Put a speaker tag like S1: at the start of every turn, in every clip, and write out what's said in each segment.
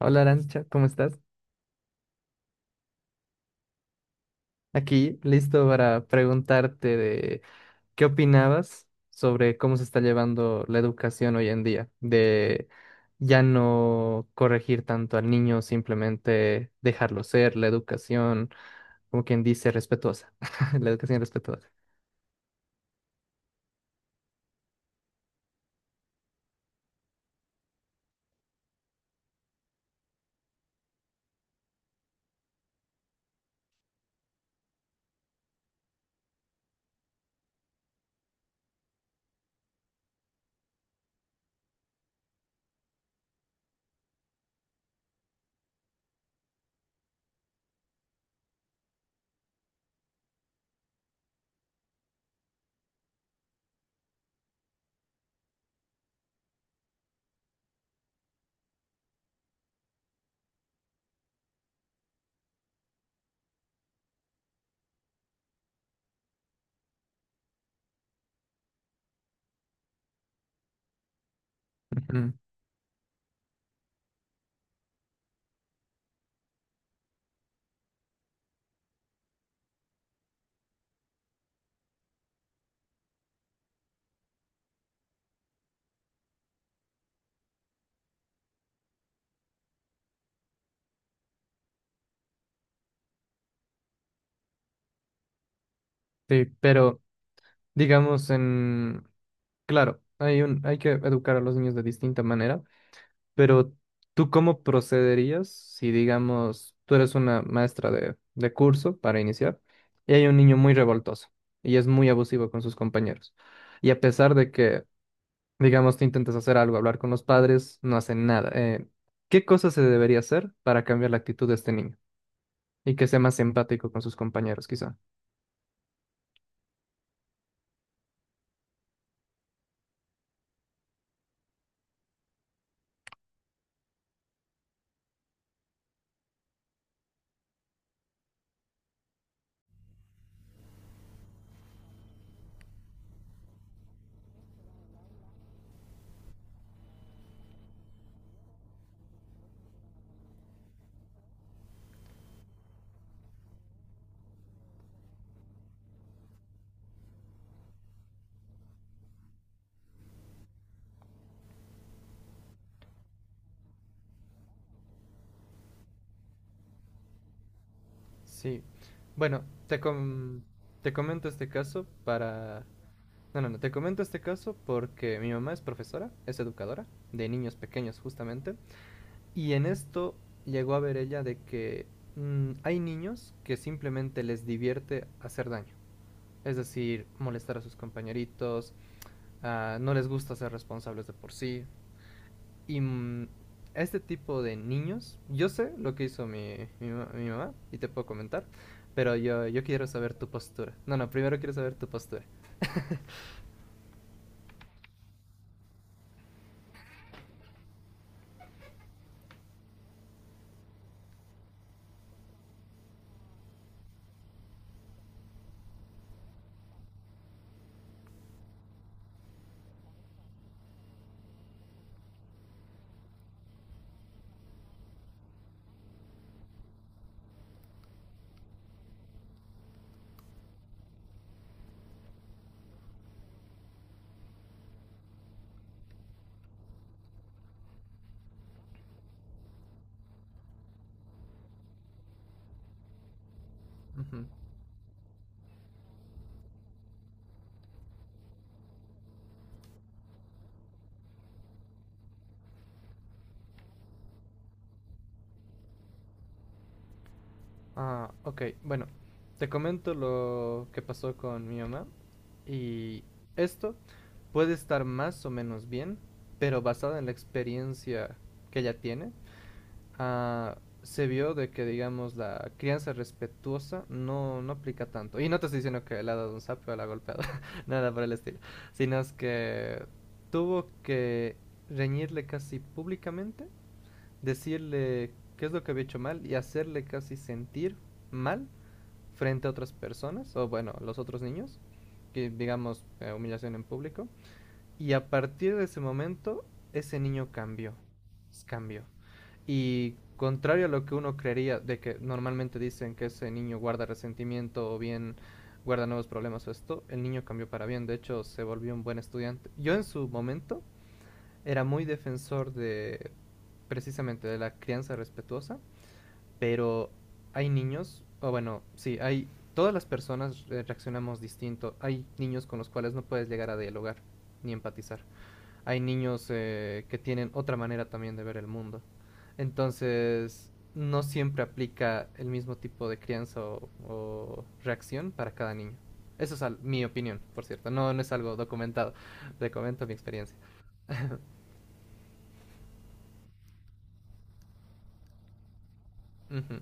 S1: Hola Arancha, ¿cómo estás? Aquí listo para preguntarte de qué opinabas sobre cómo se está llevando la educación hoy en día, de ya no corregir tanto al niño, simplemente dejarlo ser, la educación, como quien dice, respetuosa, la educación respetuosa. Ujú. Sí, pero digamos en, claro, hay un, hay que educar a los niños de distinta manera. Pero ¿tú cómo procederías si, digamos, tú eres una maestra de curso para iniciar y hay un niño muy revoltoso y es muy abusivo con sus compañeros? Y a pesar de que, digamos, tú intentas hacer algo, hablar con los padres, no hacen nada. ¿Qué cosa se debería hacer para cambiar la actitud de este niño y que sea más empático con sus compañeros, quizá? Sí, bueno, te comento este caso para... No, no, no, te comento este caso porque mi mamá es profesora, es educadora de niños pequeños justamente, y en esto llegó a ver ella de que hay niños que simplemente les divierte hacer daño, es decir, molestar a sus compañeritos, ah, no les gusta ser responsables de por sí, y este tipo de niños, yo sé lo que hizo mi mamá y te puedo comentar, pero yo quiero saber tu postura. No, no, primero quiero saber tu postura. Ujú. Ah, ok. Bueno, te comento lo que pasó con mi mamá. Y esto puede estar más o menos bien, pero basado en la experiencia que ella tiene, ah, se vio de que, digamos, la crianza respetuosa no, no aplica tanto. Y no te estoy diciendo que le ha dado un sapo o la ha golpeado, nada por el estilo. Sino es que tuvo que reñirle casi públicamente, decirle qué es lo que había hecho mal y hacerle casi sentir mal frente a otras personas, o bueno, los otros niños, que digamos humillación en público. Y a partir de ese momento, ese niño cambió, pues, cambió. Y contrario a lo que uno creería, de que normalmente dicen que ese niño guarda resentimiento o bien guarda nuevos problemas o esto, el niño cambió para bien, de hecho se volvió un buen estudiante. Yo en su momento era muy defensor de precisamente de la crianza respetuosa, pero hay niños, o bueno, sí, hay, todas las personas reaccionamos distinto. Hay niños con los cuales no puedes llegar a dialogar ni empatizar. Hay niños que tienen otra manera también de ver el mundo. Entonces, no siempre aplica el mismo tipo de crianza o reacción para cada niño. Eso es mi opinión, por cierto. No, no es algo documentado. Te comento mi experiencia. Ujú.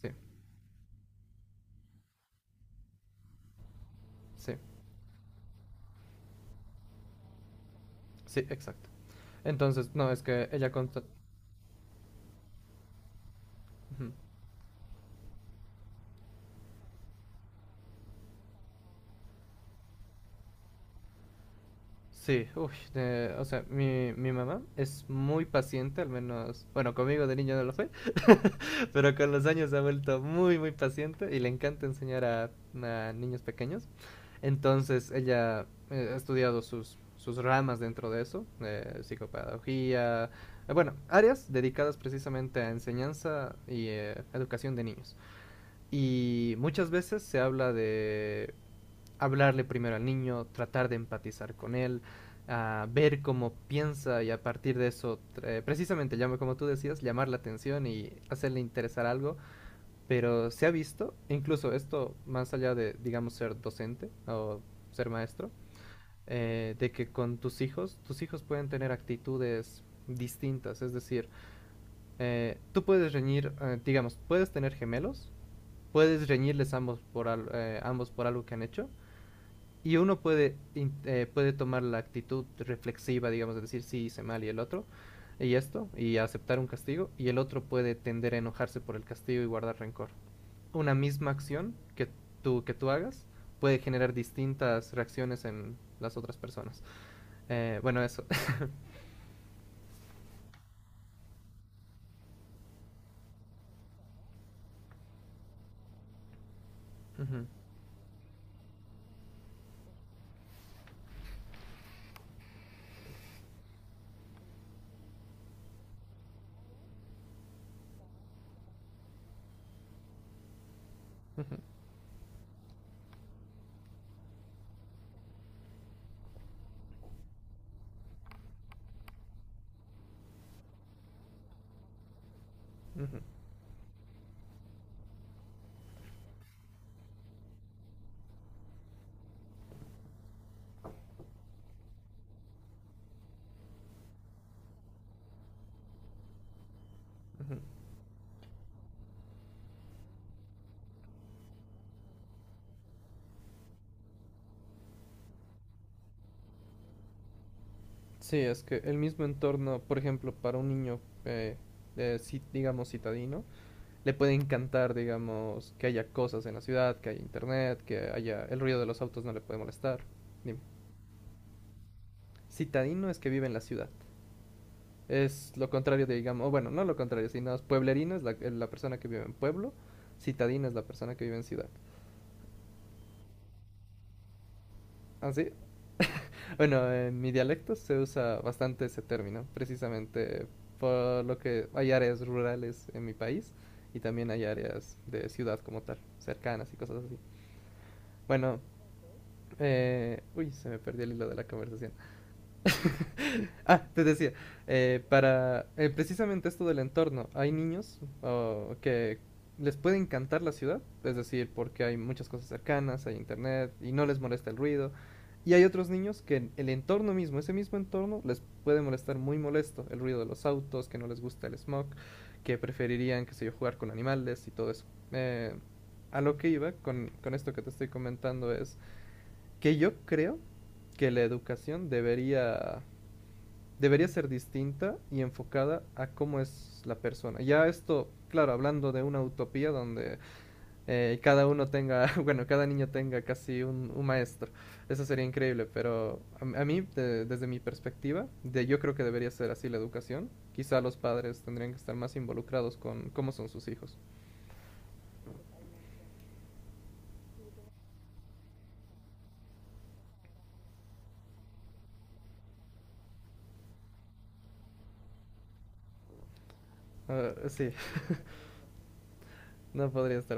S1: Sí, sí, sí, exacto. Entonces, no, es que ella... ujú. Sí, uy, o sea, mi mamá es muy paciente, al menos, bueno, conmigo de niño no lo fue, pero con los años se ha vuelto muy, muy paciente y le encanta enseñar a niños pequeños. Entonces, ella ha estudiado sus ramas dentro de eso, psicopedagogía, bueno, áreas dedicadas precisamente a enseñanza y educación de niños. Y muchas veces se habla de hablarle primero al niño, tratar de empatizar con él, a ver cómo piensa y a partir de eso, precisamente, como tú decías, llamar la atención y hacerle interesar algo. Pero se ha visto, incluso esto más allá de, digamos, ser docente o ser maestro, de que con tus hijos pueden tener actitudes distintas. Es decir, tú puedes reñir, digamos, puedes tener gemelos, puedes reñirles ambos por, al, ambos por algo que han hecho, y uno puede, puede tomar la actitud reflexiva, digamos, de decir sí hice mal y el otro, y esto, y aceptar un castigo, y el otro puede tender a enojarse por el castigo y guardar rencor. Una misma acción que que tú hagas puede generar distintas reacciones en las otras personas. Bueno, eso. Ujú, ujú, ujú. Sí, es que el mismo entorno, por ejemplo, para un niño, digamos, citadino, le puede encantar, digamos, que haya cosas en la ciudad, que haya internet, que haya el ruido de los autos no le puede molestar. Dime. Citadino es que vive en la ciudad. Es lo contrario de, digamos, o bueno, no lo contrario, sino es pueblerino es la, la persona que vive en pueblo, citadino es la persona que vive en ciudad. ¿Así? Bueno, en mi dialecto se usa bastante ese término, precisamente por lo que hay áreas rurales en mi país y también hay áreas de ciudad como tal, cercanas y cosas así. Bueno, uy, se me perdió el hilo de la conversación. Ah, te decía, para precisamente esto del entorno, hay niños oh, que les puede encantar la ciudad, es decir, porque hay muchas cosas cercanas, hay internet y no les molesta el ruido. Y hay otros niños que el entorno mismo, ese mismo entorno, les puede molestar muy molesto. El ruido de los autos, que no les gusta el smog, que preferirían, qué sé yo, jugar con animales y todo eso. Eh, a lo que iba con esto que te estoy comentando es que yo creo que la educación debería, debería ser distinta y enfocada a cómo es la persona. Ya esto, claro, hablando de una utopía donde cada uno tenga, bueno, cada niño tenga casi un maestro. Eso sería increíble, pero a mí, desde mi perspectiva, de, yo creo que debería ser así la educación. Quizá los padres tendrían que estar más involucrados con cómo son sus hijos. Ah, sí, no podría estar.